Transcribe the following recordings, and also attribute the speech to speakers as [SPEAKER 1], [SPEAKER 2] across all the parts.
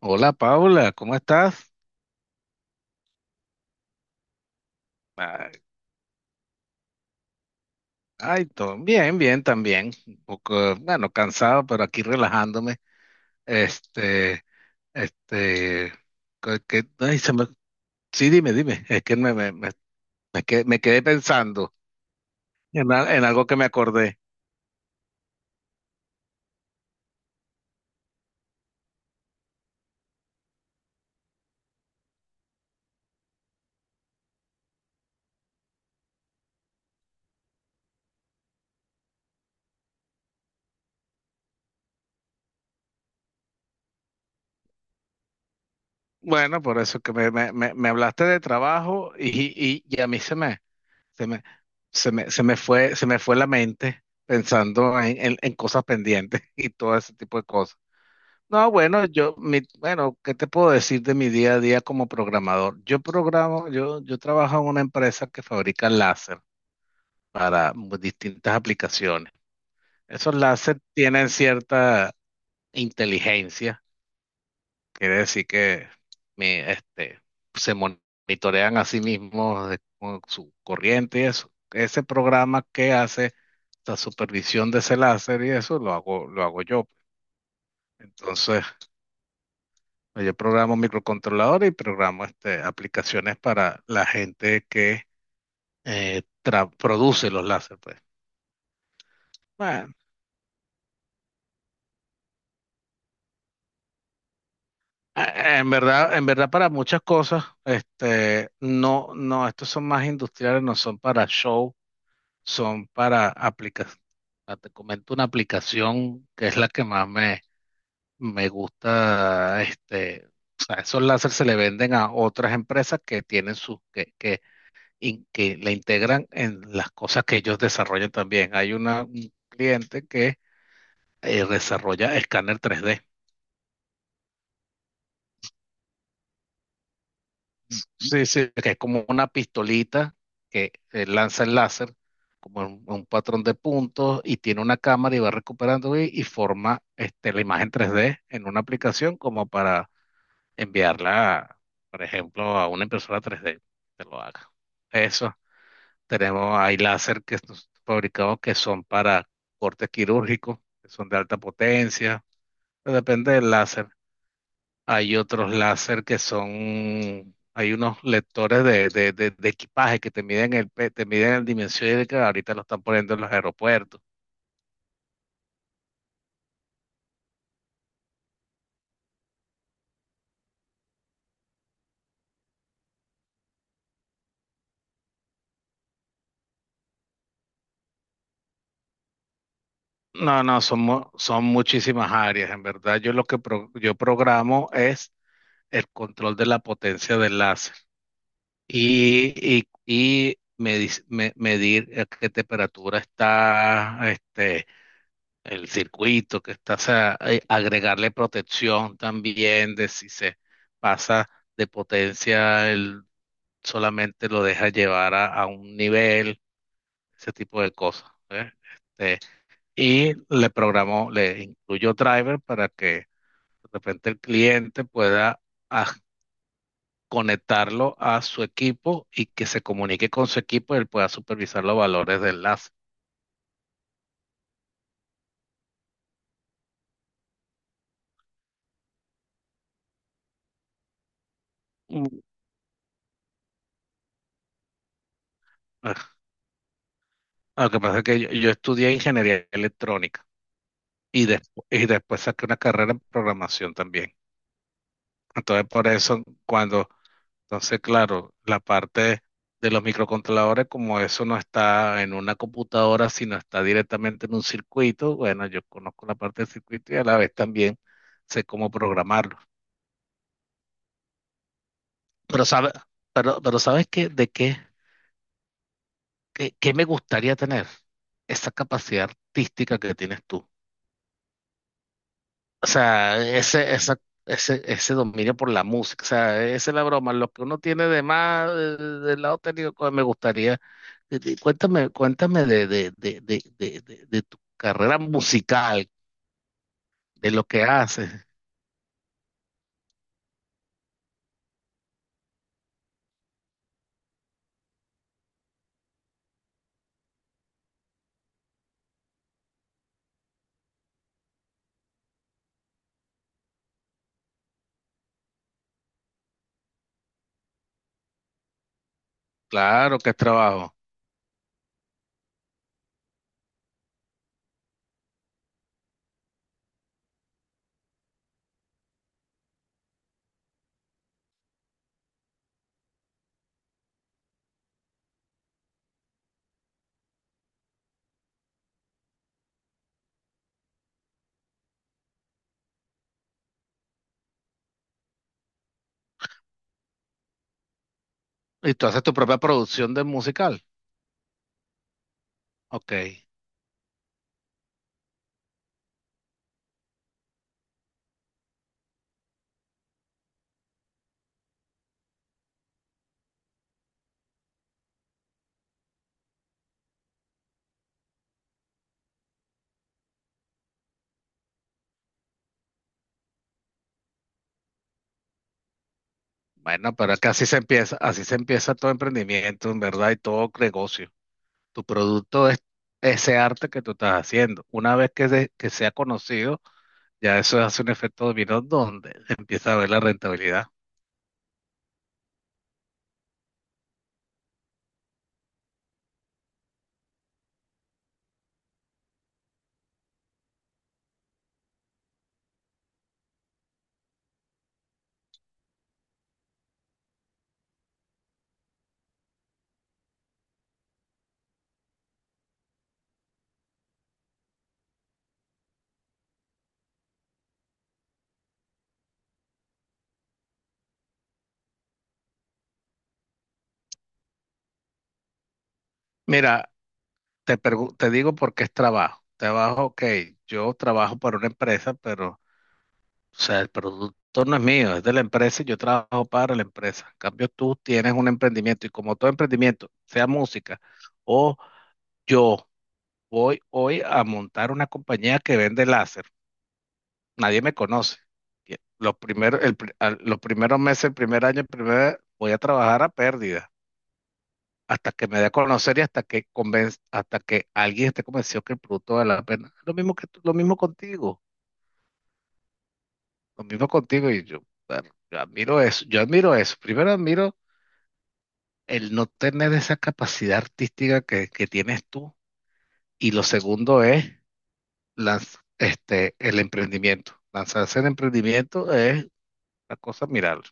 [SPEAKER 1] Hola Paula, ¿cómo estás? Ah, Todo bien, bien también. Un poco, bueno, cansado, pero aquí relajándome. Este, este, que, que- ay, se me- sí, dime, dime. Es que me quedé pensando en, en algo que me acordé. Bueno, por eso que me hablaste de trabajo y a mí se me, se me fue la mente pensando en, en cosas pendientes y todo ese tipo de cosas. No, bueno, bueno, ¿qué te puedo decir de mi día a día como programador? Yo programo, yo trabajo en una empresa que fabrica láser para distintas aplicaciones. Esos láser tienen cierta inteligencia, quiere decir que mi, este, se monitorean a sí mismos con su corriente y eso. Ese programa que hace la supervisión de ese láser y eso lo hago yo. Entonces, pues yo programo microcontroladores y programo aplicaciones para la gente que produce los láser, pues. Bueno, en verdad para muchas cosas, no, no, estos son más industriales, no son para show, son para aplicaciones. Te comento una aplicación que es la que más me gusta, o sea, esos láser se le venden a otras empresas que tienen sus, que y que la integran en las cosas que ellos desarrollan también. Hay un cliente que desarrolla escáner 3D, sí, sí, que es como una pistolita que lanza el láser como un patrón de puntos y tiene una cámara y va recuperando y forma la imagen 3D en una aplicación como para enviarla, por ejemplo, a una impresora 3D que lo haga. Eso, tenemos, hay láser que nos fabricados que son para cortes quirúrgicos, que son de alta potencia, pero depende del láser. Hay otros láser que son, hay unos lectores de equipaje que te miden te miden el dimensión y que ahorita lo están poniendo en los aeropuertos. No, no, son, son muchísimas áreas. En verdad, yo lo que yo programo es el control de la potencia del láser y medir a qué temperatura está el circuito, que está, o sea, agregarle protección también de si se pasa de potencia, él solamente lo deja llevar a un nivel, ese tipo de cosas. ¿Ves? Este, y le programó, le incluyó driver para que de repente el cliente pueda aj- conectarlo a su equipo y que se comunique con su equipo y él pueda supervisar los valores del enlace. Mm, Ah, Lo que pasa es que yo estudié ingeniería electrónica y, y después saqué una carrera en programación también. Entonces, por eso, cuando, entonces, claro, la parte de los microcontroladores, como eso no está en una computadora, sino está directamente en un circuito, bueno, yo conozco la parte del circuito y a la vez también sé cómo programarlo. Pero, sabe, pero ¿sabes qué? ¿De qué? ¿Qué me gustaría tener? Esa capacidad artística que tienes tú. O sea, ese dominio por la música. O sea, esa es la broma. Lo que uno tiene de más, del lado técnico, pues, me gustaría. Cuéntame, cuéntame de tu carrera musical, de lo que haces. Claro que es trabajo. ¿Y tú haces tu propia producción de musical? Ok. Bueno, pero es que así se empieza todo emprendimiento, en verdad, y todo negocio. Tu producto es ese arte que tú estás haciendo. Una vez que, que sea conocido, ya eso hace un efecto dominó donde empieza a ver la rentabilidad. Mira, te digo por qué es trabajo. Trabajo, ok, yo trabajo para una empresa, pero o sea, el producto no es mío, es de la empresa y yo trabajo para la empresa. En cambio, tú tienes un emprendimiento y como todo emprendimiento, sea música o yo voy hoy a montar una compañía que vende láser. Nadie me conoce. Y lo primero, los primeros meses, el primer año, el primer, voy a trabajar a pérdida hasta que me dé a conocer y hasta que hasta que alguien esté convencido que el producto vale la pena. Lo mismo contigo, lo mismo contigo y yo, bueno, yo admiro eso, yo admiro eso. Primero admiro el no tener esa capacidad artística que tienes tú y lo segundo es el emprendimiento. Lanzarse el emprendimiento es la cosa admirable.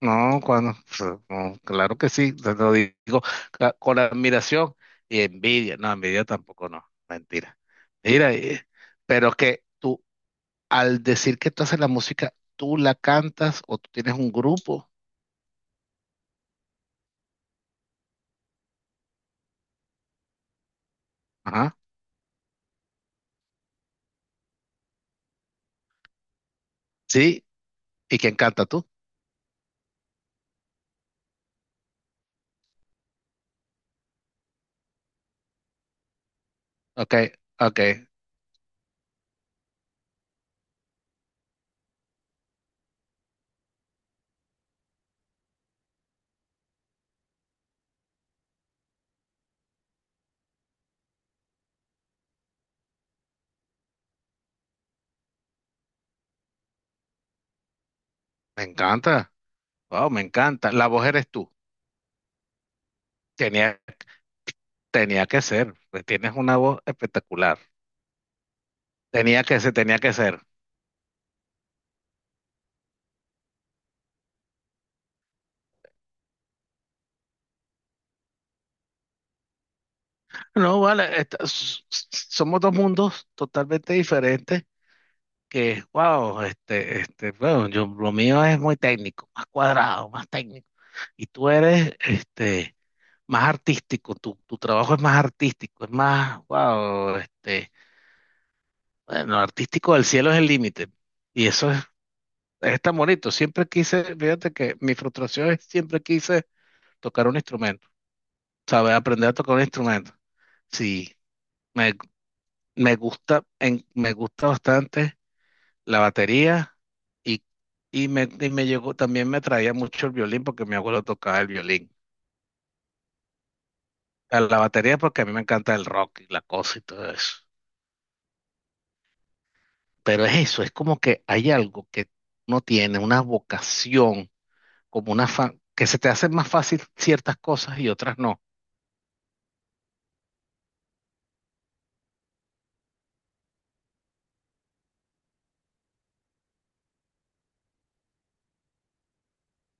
[SPEAKER 1] No, cuando, pues, no, claro que sí, te lo digo con admiración y envidia. No, envidia tampoco, no, mentira. Mira, pero que tú, al decir que tú haces la música, ¿tú la cantas o tú tienes un grupo? Ajá. Sí, ¿y quién canta tú? Ok, ok, me encanta. Wow, me encanta. La voz eres tú. Tenía, Tenía que ser, pues tienes una voz espectacular. Tenía que ser, tenía que ser. No, vale, somos dos mundos totalmente diferentes que, wow, bueno, yo, lo mío es muy técnico, más cuadrado, más técnico, y tú eres, más artístico, tu trabajo es más artístico, es más, wow, bueno, artístico del cielo es el límite, y eso es tan bonito, siempre quise, fíjate que mi frustración es siempre quise tocar un instrumento, saber aprender a tocar un instrumento, sí, me gusta, me gusta bastante la batería y, y me llegó, también me traía mucho el violín porque mi abuelo tocaba el violín. A la batería porque a mí me encanta el rock y la cosa y todo eso. Pero es eso, es como que hay algo que uno tiene, una vocación, como una que se te hacen más fácil ciertas cosas y otras no.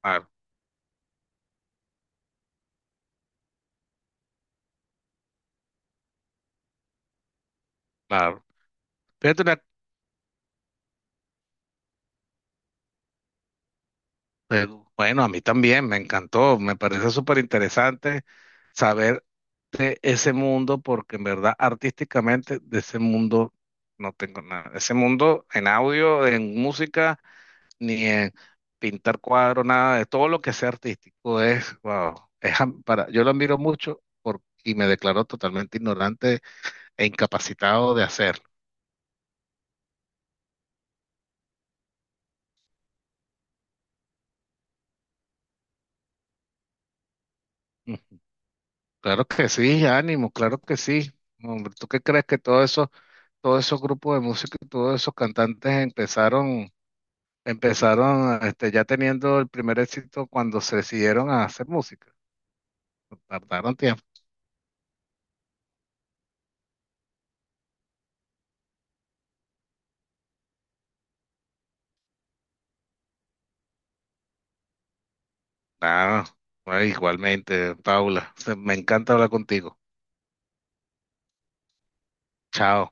[SPEAKER 1] Claro, claro. Fíjate una- pero, bueno, a mí también me encantó, me parece súper interesante saber. Ese mundo, porque en verdad artísticamente de ese mundo no tengo nada. Ese mundo en audio, en música, ni en pintar cuadros, nada de todo lo que sea artístico es, wow, es yo lo admiro mucho y me declaro totalmente ignorante e incapacitado de hacerlo. Mm, claro que sí, ánimo, claro que sí. Hombre, ¿tú qué crees que todo eso, todos esos grupos de música y todos esos cantantes empezaron? Empezaron, ya teniendo el primer éxito cuando se decidieron a hacer música. Tardaron tiempo. Ah, bueno, igualmente, Paula, me encanta hablar contigo. Chao.